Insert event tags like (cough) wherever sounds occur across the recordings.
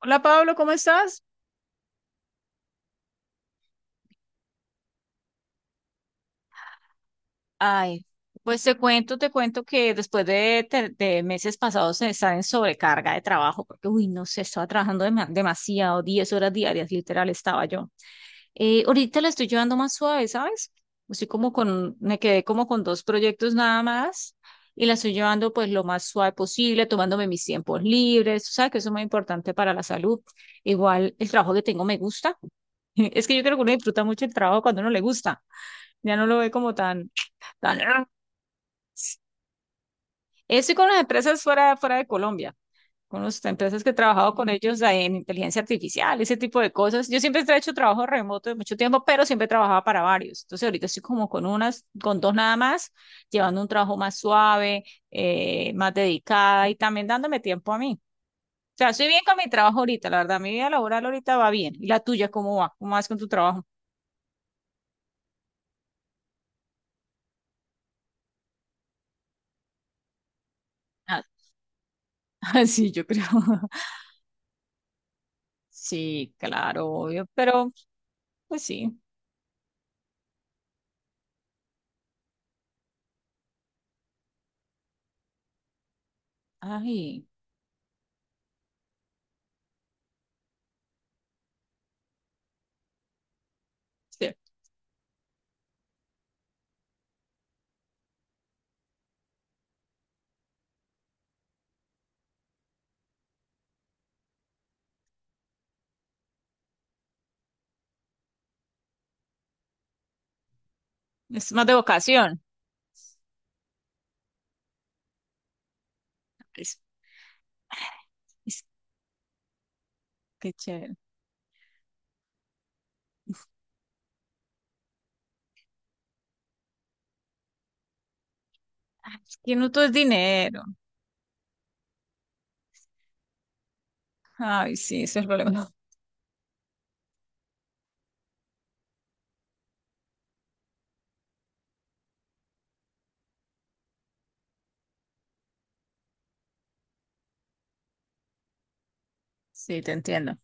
Hola Pablo, ¿cómo estás? Ay, pues te cuento, que de meses pasados de estar en sobrecarga de trabajo, porque, uy, no sé, estaba trabajando demasiado, 10 horas diarias, literal, estaba yo. Ahorita la estoy llevando más suave, ¿sabes? Estoy como con, me quedé como con dos proyectos nada más y la estoy llevando pues lo más suave posible, tomándome mis tiempos libres, tú sabes que eso es muy importante para la salud. Igual el trabajo que tengo me gusta. (laughs) Es que yo creo que uno disfruta mucho el trabajo cuando no le gusta. Ya no lo ve como tan, tan... Eso con las empresas fuera de Colombia, con las empresas que he trabajado con ellos en inteligencia artificial, ese tipo de cosas. Yo siempre he hecho trabajo remoto de mucho tiempo, pero siempre trabajaba para varios. Entonces ahorita estoy como con unas, con dos nada más, llevando un trabajo más suave, más dedicada y también dándome tiempo a mí. O sea, estoy bien con mi trabajo ahorita, la verdad, mi vida laboral ahorita va bien. ¿Y la tuya cómo va? ¿Cómo vas con tu trabajo? Ah, (laughs) sí, yo creo. (laughs) Sí, claro, obvio, pero pues sí. Ay, sí, es más de vocación. Es, es- Qué chévere. Ay, es que no todo es dinero. Ay, sí, ese es el problema. (laughs) Sí, te entiendo.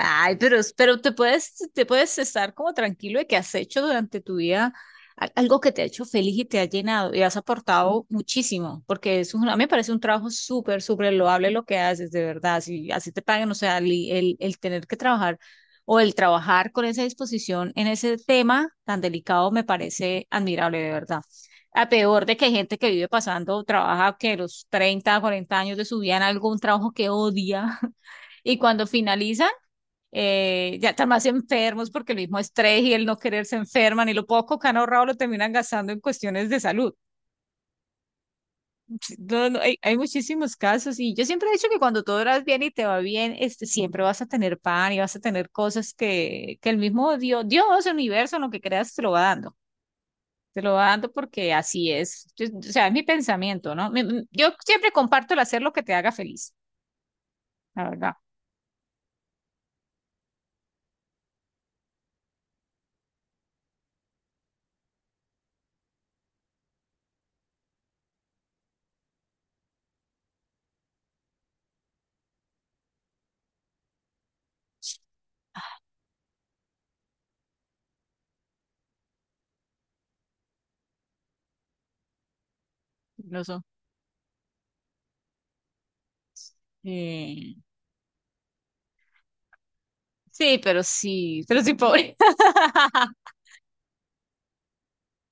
Ay, pero, pero te puedes estar como tranquilo de que has hecho durante tu vida algo que te ha hecho feliz y te ha llenado y has aportado muchísimo, porque a mí me parece un trabajo súper, súper loable lo que haces, de verdad. Si así te pagan, o sea, el tener que trabajar o el trabajar con esa disposición en ese tema tan delicado me parece admirable, de verdad. A peor de que hay gente que vive pasando, trabaja que los 30, 40 años de su vida en algún trabajo que odia (laughs) y cuando finaliza ya están más enfermos porque el mismo estrés y el no querer se enferman y lo poco que han ahorrado lo terminan gastando en cuestiones de salud. Sí, No, no, hay muchísimos casos y yo siempre he dicho que cuando todo vas bien y te va bien, este, siempre vas a tener pan y vas a tener cosas que el mismo Dios, el universo, lo que creas, te lo va dando. Te lo va dando porque así es. O sea, es mi pensamiento, ¿no? Yo siempre comparto el hacer lo que te haga feliz, la verdad. No son. eh, Sí, pero sí, pero sí pobre. (laughs)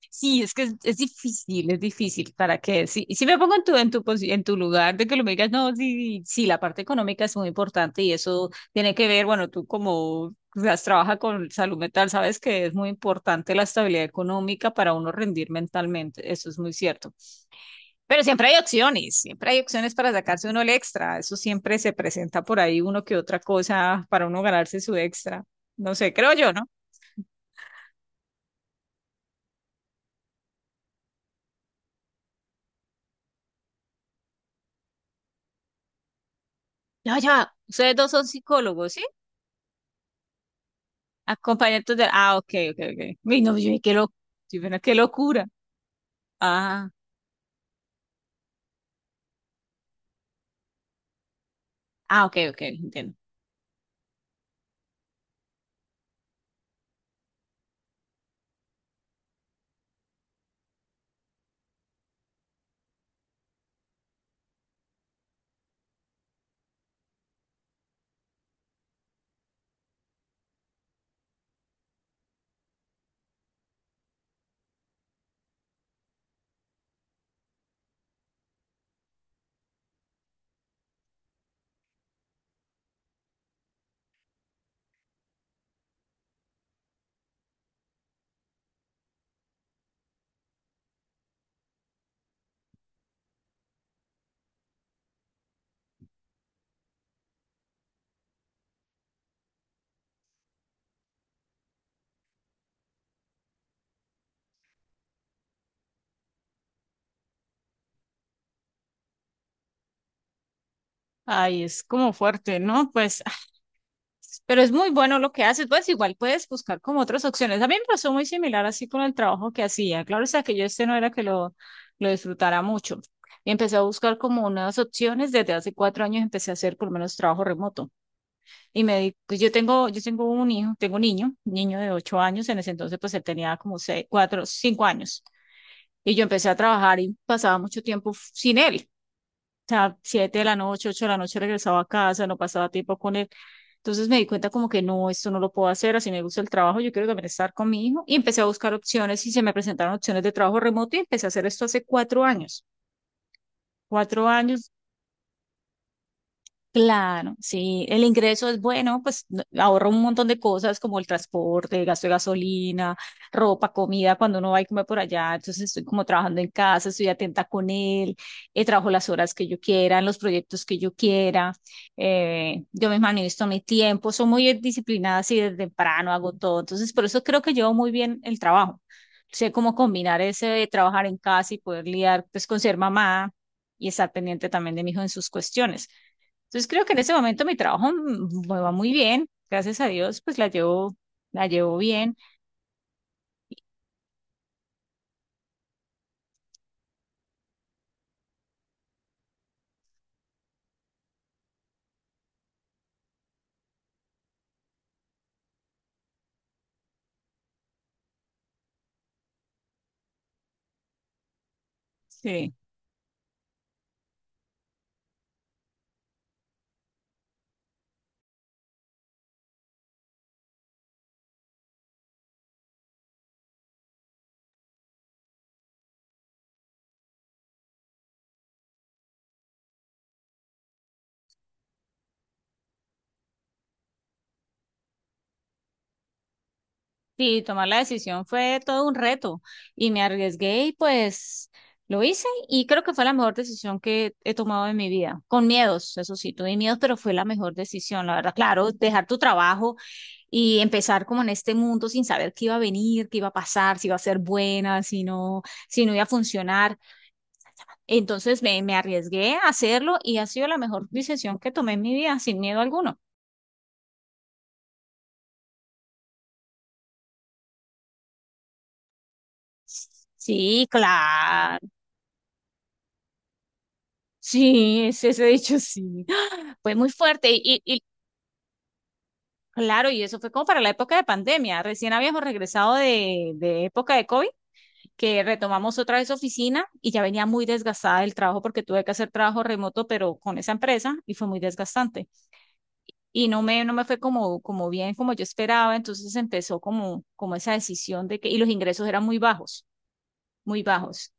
Sí, es que es difícil, es difícil. ¿Para qué? Si, si me pongo en tu, en tu lugar de que lo me digas, no, sí, sí, la parte económica es muy importante y eso tiene que ver, bueno, tú como has trabaja con salud mental, sabes que es muy importante la estabilidad económica para uno rendir mentalmente, eso es muy cierto. Pero siempre hay opciones para sacarse uno el extra, eso siempre se presenta por ahí uno que otra cosa para uno ganarse su extra. No sé, creo yo, ¿no? Ya, ya, ustedes dos son psicólogos, acompañantes de Ah, ok, ok, ok. Uy, no, yo, dije, qué loco qué locura. Ah, ah, ok, ok, entiendo. Ay, es como fuerte, ¿no? Pues, ah, pero es muy bueno lo que haces, pues igual puedes buscar como otras opciones. A mí me pasó muy similar así con el trabajo que hacía. Claro, o sea, que yo este no era que lo disfrutara mucho. Y empecé a buscar como unas opciones. Desde hace cuatro años empecé a hacer por lo menos trabajo remoto. Y me di, pues yo tengo un hijo, tengo un niño, niño de 8 años. En ese entonces, pues él tenía como seis, cuatro, cinco años. Y yo empecé a trabajar y pasaba mucho tiempo sin él. O sea, siete de la noche, ocho de la noche regresaba a casa, no pasaba tiempo con él. Entonces me di cuenta como que no, esto no lo puedo hacer, así me gusta el trabajo, yo quiero también estar con mi hijo. Y empecé a buscar opciones y se me presentaron opciones de trabajo remoto y empecé a hacer esto hace cuatro años. Cuatro años claro, sí, el ingreso es bueno, pues ahorra un montón de cosas como el transporte, gasto de gasolina, ropa, comida, cuando uno va y come por allá, entonces estoy como trabajando en casa, estoy atenta con él, trabajo las horas que yo quiera, en los proyectos que yo quiera, yo me administro mi tiempo, soy muy disciplinada así desde temprano, hago todo, entonces por eso creo que llevo muy bien el trabajo, sé cómo combinar ese de trabajar en casa y poder lidiar pues con ser mamá y estar pendiente también de mi hijo en sus cuestiones. Entonces creo que en ese momento mi trabajo me va muy bien, gracias a Dios, pues la llevo bien. Sí. Sí, tomar la decisión fue todo un reto y me arriesgué y pues lo hice y creo que fue la mejor decisión que he tomado en mi vida, con miedos, eso sí, tuve miedos, pero fue la mejor decisión, la verdad. Claro, dejar tu trabajo y empezar como en este mundo sin saber qué iba a venir, qué iba a pasar, si iba a ser buena, si no, si no iba a funcionar. Me arriesgué a hacerlo y ha sido la mejor decisión que tomé en mi vida, sin miedo alguno. Sí, claro. Sí, ese dicho sí. (gasps) Fue muy fuerte y, y claro, y eso fue como para la época de pandemia. Recién habíamos regresado de época de COVID, que retomamos otra vez oficina y ya venía muy desgastada del trabajo porque tuve que hacer trabajo remoto, pero con esa empresa y fue muy desgastante. Y no me fue como, como bien como yo esperaba, entonces empezó como, como esa decisión de que, y los ingresos eran muy bajos, muy bajos.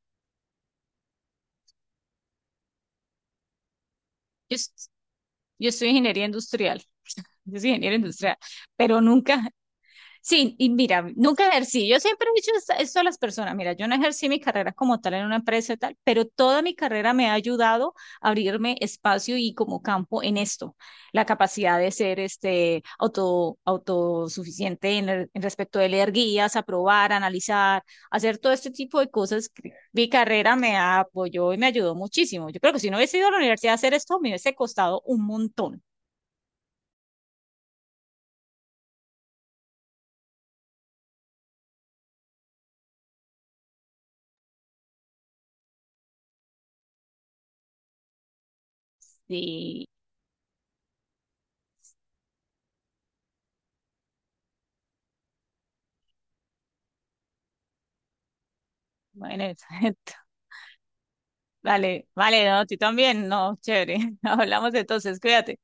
Yo, es- yo estoy ingeniería industrial, yo soy ingeniero industrial, pero nunca, sí, y mira, nunca ejercí. Yo siempre he dicho esto a las personas. Mira, yo no ejercí mi carrera como tal en una empresa y tal, pero toda mi carrera me ha ayudado a abrirme espacio y como campo en esto, la capacidad de ser este autosuficiente en, en respecto de leer guías, aprobar, analizar, hacer todo este tipo de cosas. Que mi carrera me apoyó y me ayudó muchísimo. Yo creo que si no hubiese ido a la universidad a hacer esto, me hubiese costado un montón. Sí, bueno, (laughs) vale, no, tú también, no, chévere. (laughs) Hablamos entonces, cuídate.